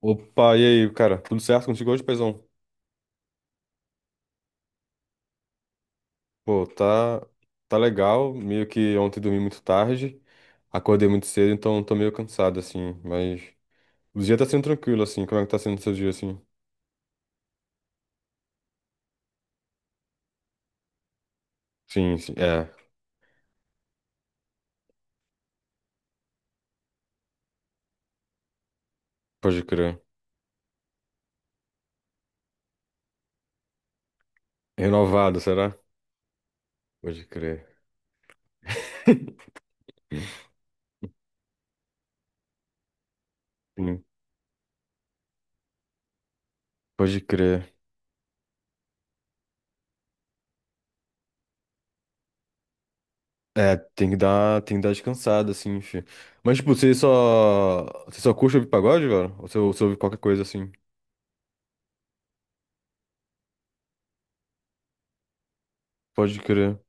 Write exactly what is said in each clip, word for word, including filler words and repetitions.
Opa, e aí, cara? Tudo certo contigo hoje, paizão? Pô, tá, tá legal. Meio que ontem dormi muito tarde, acordei muito cedo, então tô meio cansado, assim. Mas o dia tá sendo tranquilo, assim. Como é que tá sendo o seu dia, assim? Sim, sim, é, pode crer. Renovado, será? Pode crer. Sim, pode crer. É, tem que dar, tem que dar descansada, assim, fi. Mas, tipo, você só, você só curte ouvir pagode, velho? Ou você, você ouve qualquer coisa, assim? Pode crer.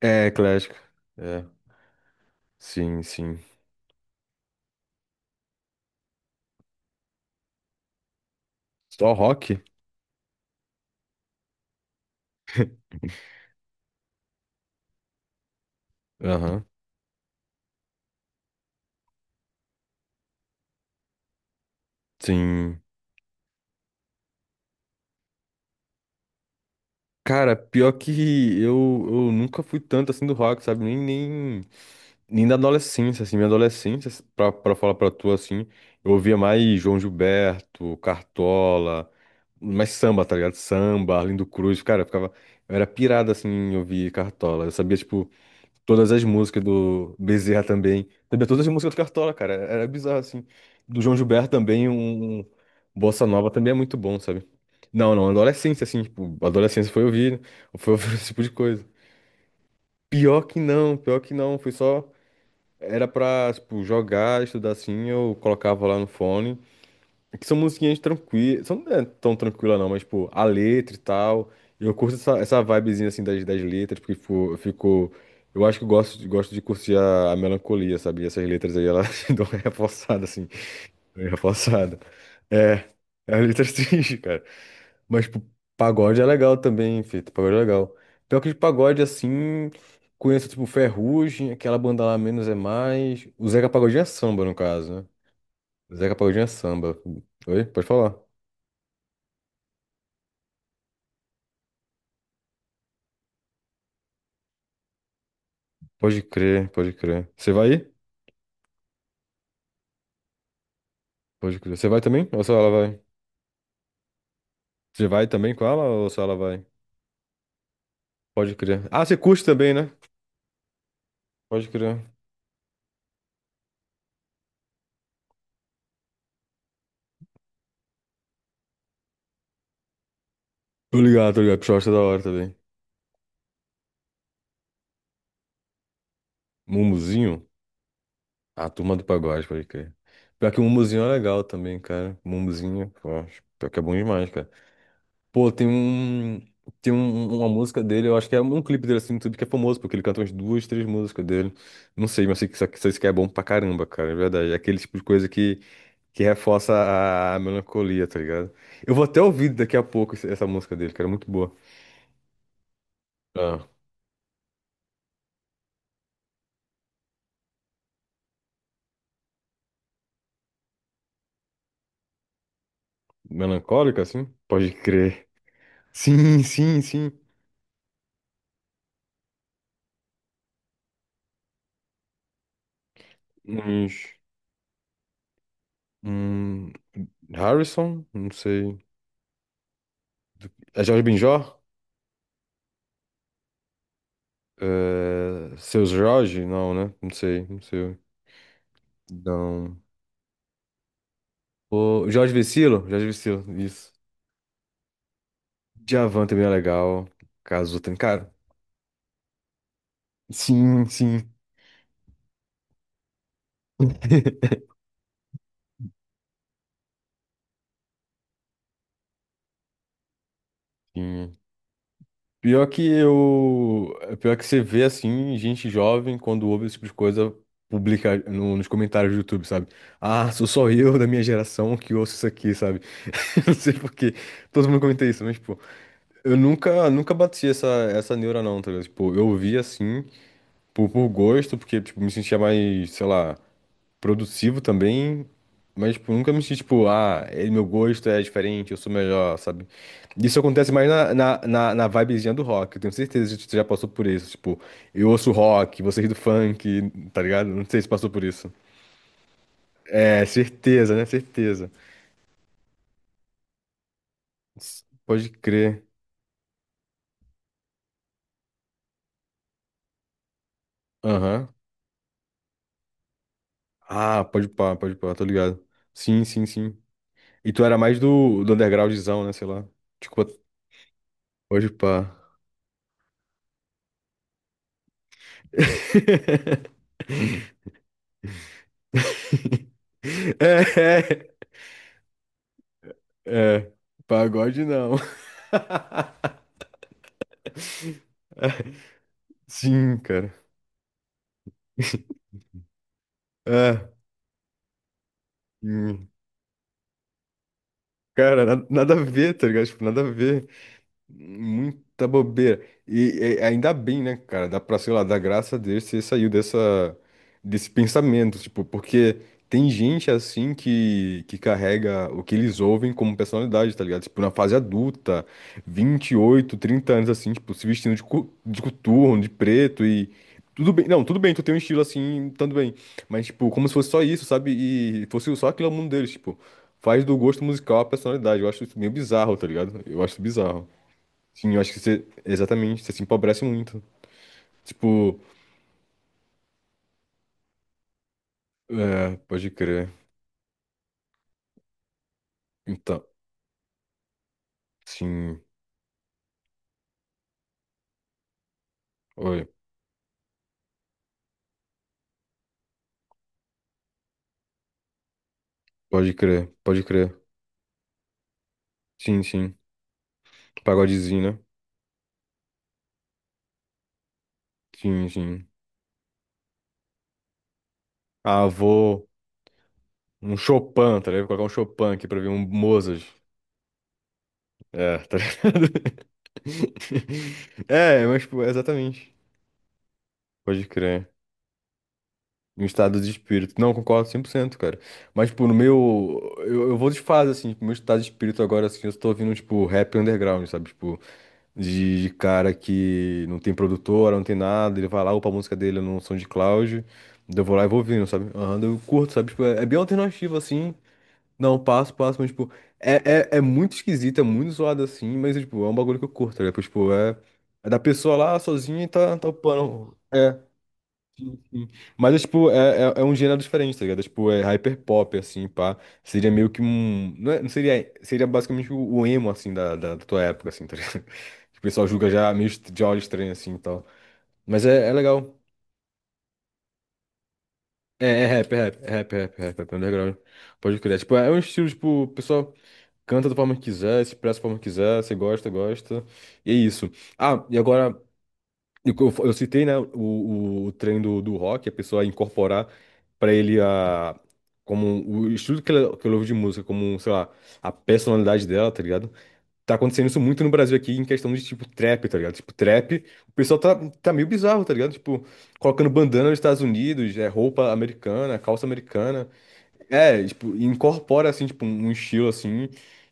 É, eclético. É, sim, sim. Só rock? Aham. Sim. Cara, pior que eu, eu nunca fui tanto assim do rock, sabe? Nem, nem, nem da adolescência, assim. Minha adolescência, pra, pra falar pra tu, assim, eu ouvia mais João Gilberto, Cartola, mais samba, tá ligado? Samba, Arlindo Cruz, cara, eu ficava. Eu era pirado, assim, em ouvir Cartola. Eu sabia, tipo. Todas as músicas do Bezerra também. Também todas as músicas do Cartola, cara. Era bizarro, assim. Do João Gilberto também, um, um Bossa Nova também é muito bom, sabe? Não, não, adolescência, assim, tipo, adolescência foi ouvir, foi ouvir esse tipo de coisa. Pior que não, pior que não, foi só. Era pra, tipo, jogar, estudar assim, eu colocava lá no fone. É que são musiquinhas tranquilas. São, não é tão tranquila não, mas, tipo, a letra e tal. Eu curto essa, essa vibezinha, assim, das, das letras, porque, tipo, eu fico. Eu acho que eu gosto, de- gosto de curtir a, a melancolia, sabe? E essas letras aí, elas dão uma reforçada, assim. Dão uma reforçada. É, é uma letra triste, cara. Mas, tipo, pagode é legal também, feito. Pagode é legal. Pior que de pagode, assim, conheço, tipo, Ferrugem, aquela banda lá, Menos é Mais. O Zeca Pagodinho é samba, no caso, né? O Zeca Pagodinho é samba. Oi? Pode falar. Pode crer, pode crer. Você vai ir? Pode crer. Você vai também? Ou só ela vai? Você vai também com ela ou só ela vai? Pode crer. Ah, você curte também, né? Pode crer. Tô ligado, tô ligado. Puxa, eu acho da hora também. Mumuzinho? A turma do pagode, pode crer. Pior que o Mumuzinho é legal também, cara. Mumuzinho, pô, acho- pior que é bom demais, cara. Pô, tem um. Tem um- uma música dele, eu acho que é um clipe dele assim no YouTube que é famoso, porque ele canta umas duas, três músicas dele. Não sei, mas sei que isso aqui sei que é bom pra caramba, cara, é verdade. É aquele tipo de coisa que, que reforça a, a melancolia, tá ligado? Eu vou até ouvir daqui a pouco esse- essa música dele, cara, é muito boa. Ah, melancólica, assim? Pode crer. Sim, sim, sim. Uns- Hum, Harrison? Não sei. É Jorge Benjor? É, Seus Jorge? Não, né? Não sei, não sei. Não. O Jorge Vecilo, Jorge Vecilo, isso. Djavan também é legal. Cazu também, cara. Sim, sim. Sim. Pior que eu. Pior que você vê assim, gente jovem, quando ouve esse tipo de coisa, publica no- nos comentários do YouTube, sabe? Ah, sou só eu da minha geração que ouço isso aqui, sabe? Não sei por quê. Todo mundo comenta isso, mas, tipo, eu nunca, nunca bati essa, essa neura, não, tá ligado? Tipo, eu ouvia assim, por, por gosto, porque, tipo, me sentia mais, sei lá. Produtivo também, mas tipo, nunca me senti tipo, ah, ele- meu gosto é diferente, eu sou melhor, sabe? Isso acontece mais na, na, na, na vibezinha do rock, eu tenho certeza que você já passou por isso. Tipo, eu ouço rock, vocês do funk, tá ligado? Não sei se passou por isso. É, certeza, né? Certeza. S- Pode crer. Aham. Ah, pode pá, pode pá, tô ligado. Sim, sim, sim. E tu era mais do, do undergroundzão, né? Sei lá. Tipo, pode pá. É. É, pagode não. É, sim, cara. É. Hum. Cara, na- nada a ver, tá ligado? Tipo, nada a ver. Muita bobeira. E, e ainda bem, né, cara? Dá pra, sei lá, dar graça a Deus você saiu dessa, desse pensamento, tipo, porque tem gente assim que, que carrega o que eles ouvem como personalidade, tá ligado? Tipo, na fase adulta, vinte e oito, trinta anos assim, tipo, se vestindo de, cu- de coturno, de preto e. Tudo bem, não, tudo bem, tu tem um estilo assim, tanto bem. Mas, tipo, como se fosse só isso, sabe? E fosse só aquilo ao mundo deles, tipo, faz do gosto musical a personalidade. Eu acho isso meio bizarro, tá ligado? Eu acho bizarro. Sim, eu acho que você. Exatamente, você se empobrece muito. Tipo, é, pode crer. Então, sim. Oi, pode crer, pode crer. Sim, sim. Pagodezinho, né? Sim, sim. Ah, vou. Um Chopin, tá ligado? Vou colocar um Chopin aqui pra ver um Mozart. É, tá ligado? É, mas, tipo, exatamente. Pode crer. Um estado de espírito. Não, concordo cem por cento, cara. Mas, tipo, no meu. Eu, eu vou de fase, assim. Tipo, meu estado de espírito agora, assim, eu tô ouvindo, tipo, rap underground, sabe? Tipo. de, de cara que não tem produtora, não tem nada, ele vai lá, upa a música dele no SoundCloud, daí eu vou lá e vou ouvindo, sabe? Aham, daí eu curto, sabe? Tipo, é, é bem alternativo, assim, não, passo, passo, mas, tipo, é, é, é muito esquisito, é muito zoado, assim, mas, tipo, é um bagulho que eu curto, tá ligado? Tipo, é, é da pessoa lá, sozinha, e tá, tá upando, é. Sim. Mas é tipo, é, é, é um gênero diferente, tá ligado? É, tipo, é hyperpop, assim, pá. Seria meio que um. Não, é- não seria. Seria basicamente o, o emo, assim, da, da, da tua época, assim, tá ligado? Que o pessoal julga já meio est- de olho estranho, assim e tal. Mas é, é legal. É, é rap, é rap, é rap, é rap, é rap, é underground. Pode crer. É, tipo, é um estilo, tipo, o pessoal canta da forma que quiser, se expressa da forma que quiser, se gosta, gosta. E é isso. Ah, e agora. E o que Eu, eu citei, né, o, o, treino do, do rock, a pessoa incorporar para ele a, como um, o estilo que ela, que ela ouve de música, como, um, sei lá, a personalidade dela, tá ligado? Tá acontecendo isso muito no Brasil aqui em questão de, tipo, trap, tá ligado? Tipo, trap, o pessoal tá, tá, meio bizarro, tá ligado? Tipo, colocando bandana nos Estados Unidos, é, roupa americana, calça americana. É, tipo, incorpora, assim, tipo, um um estilo, assim,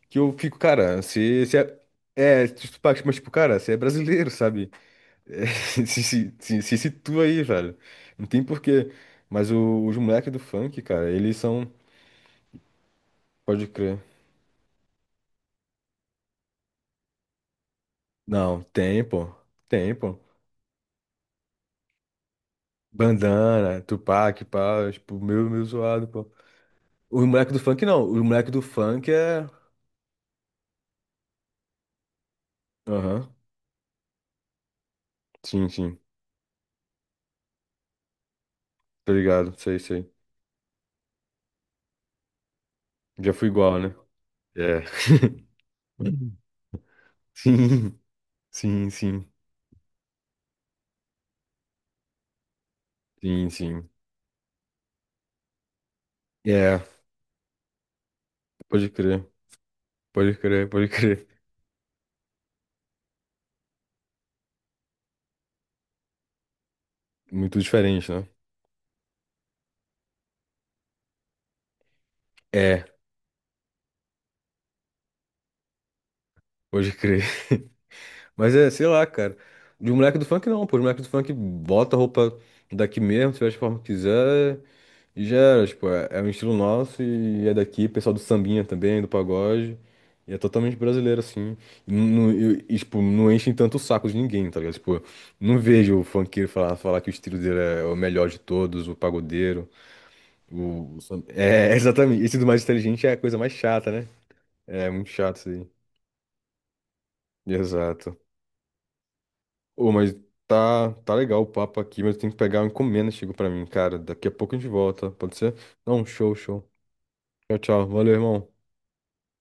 que eu fico, cara, você... você é, é, tipo, mas, tipo, cara, você é brasileiro, sabe? É, se, se, se, se situa aí, velho. Não tem porquê. Mas o- os moleques do funk, cara, eles são. Pode crer. Não, tem, pô. Tem, pô. Bandana, Tupac, pá, tipo, meio, meio zoado, pô. Os moleques do funk não. Os moleques do funk é. Aham. Sim, sim. Tá ligado? Sei, sei. Já fui igual, né? É. Sim, sim, sim. Sim, sim. É, pode crer. Pode crer, pode crer. Muito diferente, né? É, pode crer. Mas é, sei lá, cara. De um moleque do funk não, pô. Os moleques do funk bota a roupa daqui mesmo, se veste forma que quiser, e já era, tipo, é, é um estilo nosso e é daqui, pessoal do sambinha também, do pagode. E é totalmente brasileiro, assim. E, não- e- e, tipo, não enchem tanto o saco de ninguém, tá ligado? Tipo, não vejo o funkeiro falar, falar que o estilo dele é o melhor de todos, o pagodeiro, o... o sam- É, exatamente. Esse do mais inteligente é a coisa mais chata, né? É muito chato isso aí. Exato. Ô, mas tá, tá legal o papo aqui, mas eu tenho que pegar uma encomenda, que chegou pra mim, cara. Daqui a pouco a gente volta, pode ser? Não, show, show. Tchau, tchau. Valeu, irmão.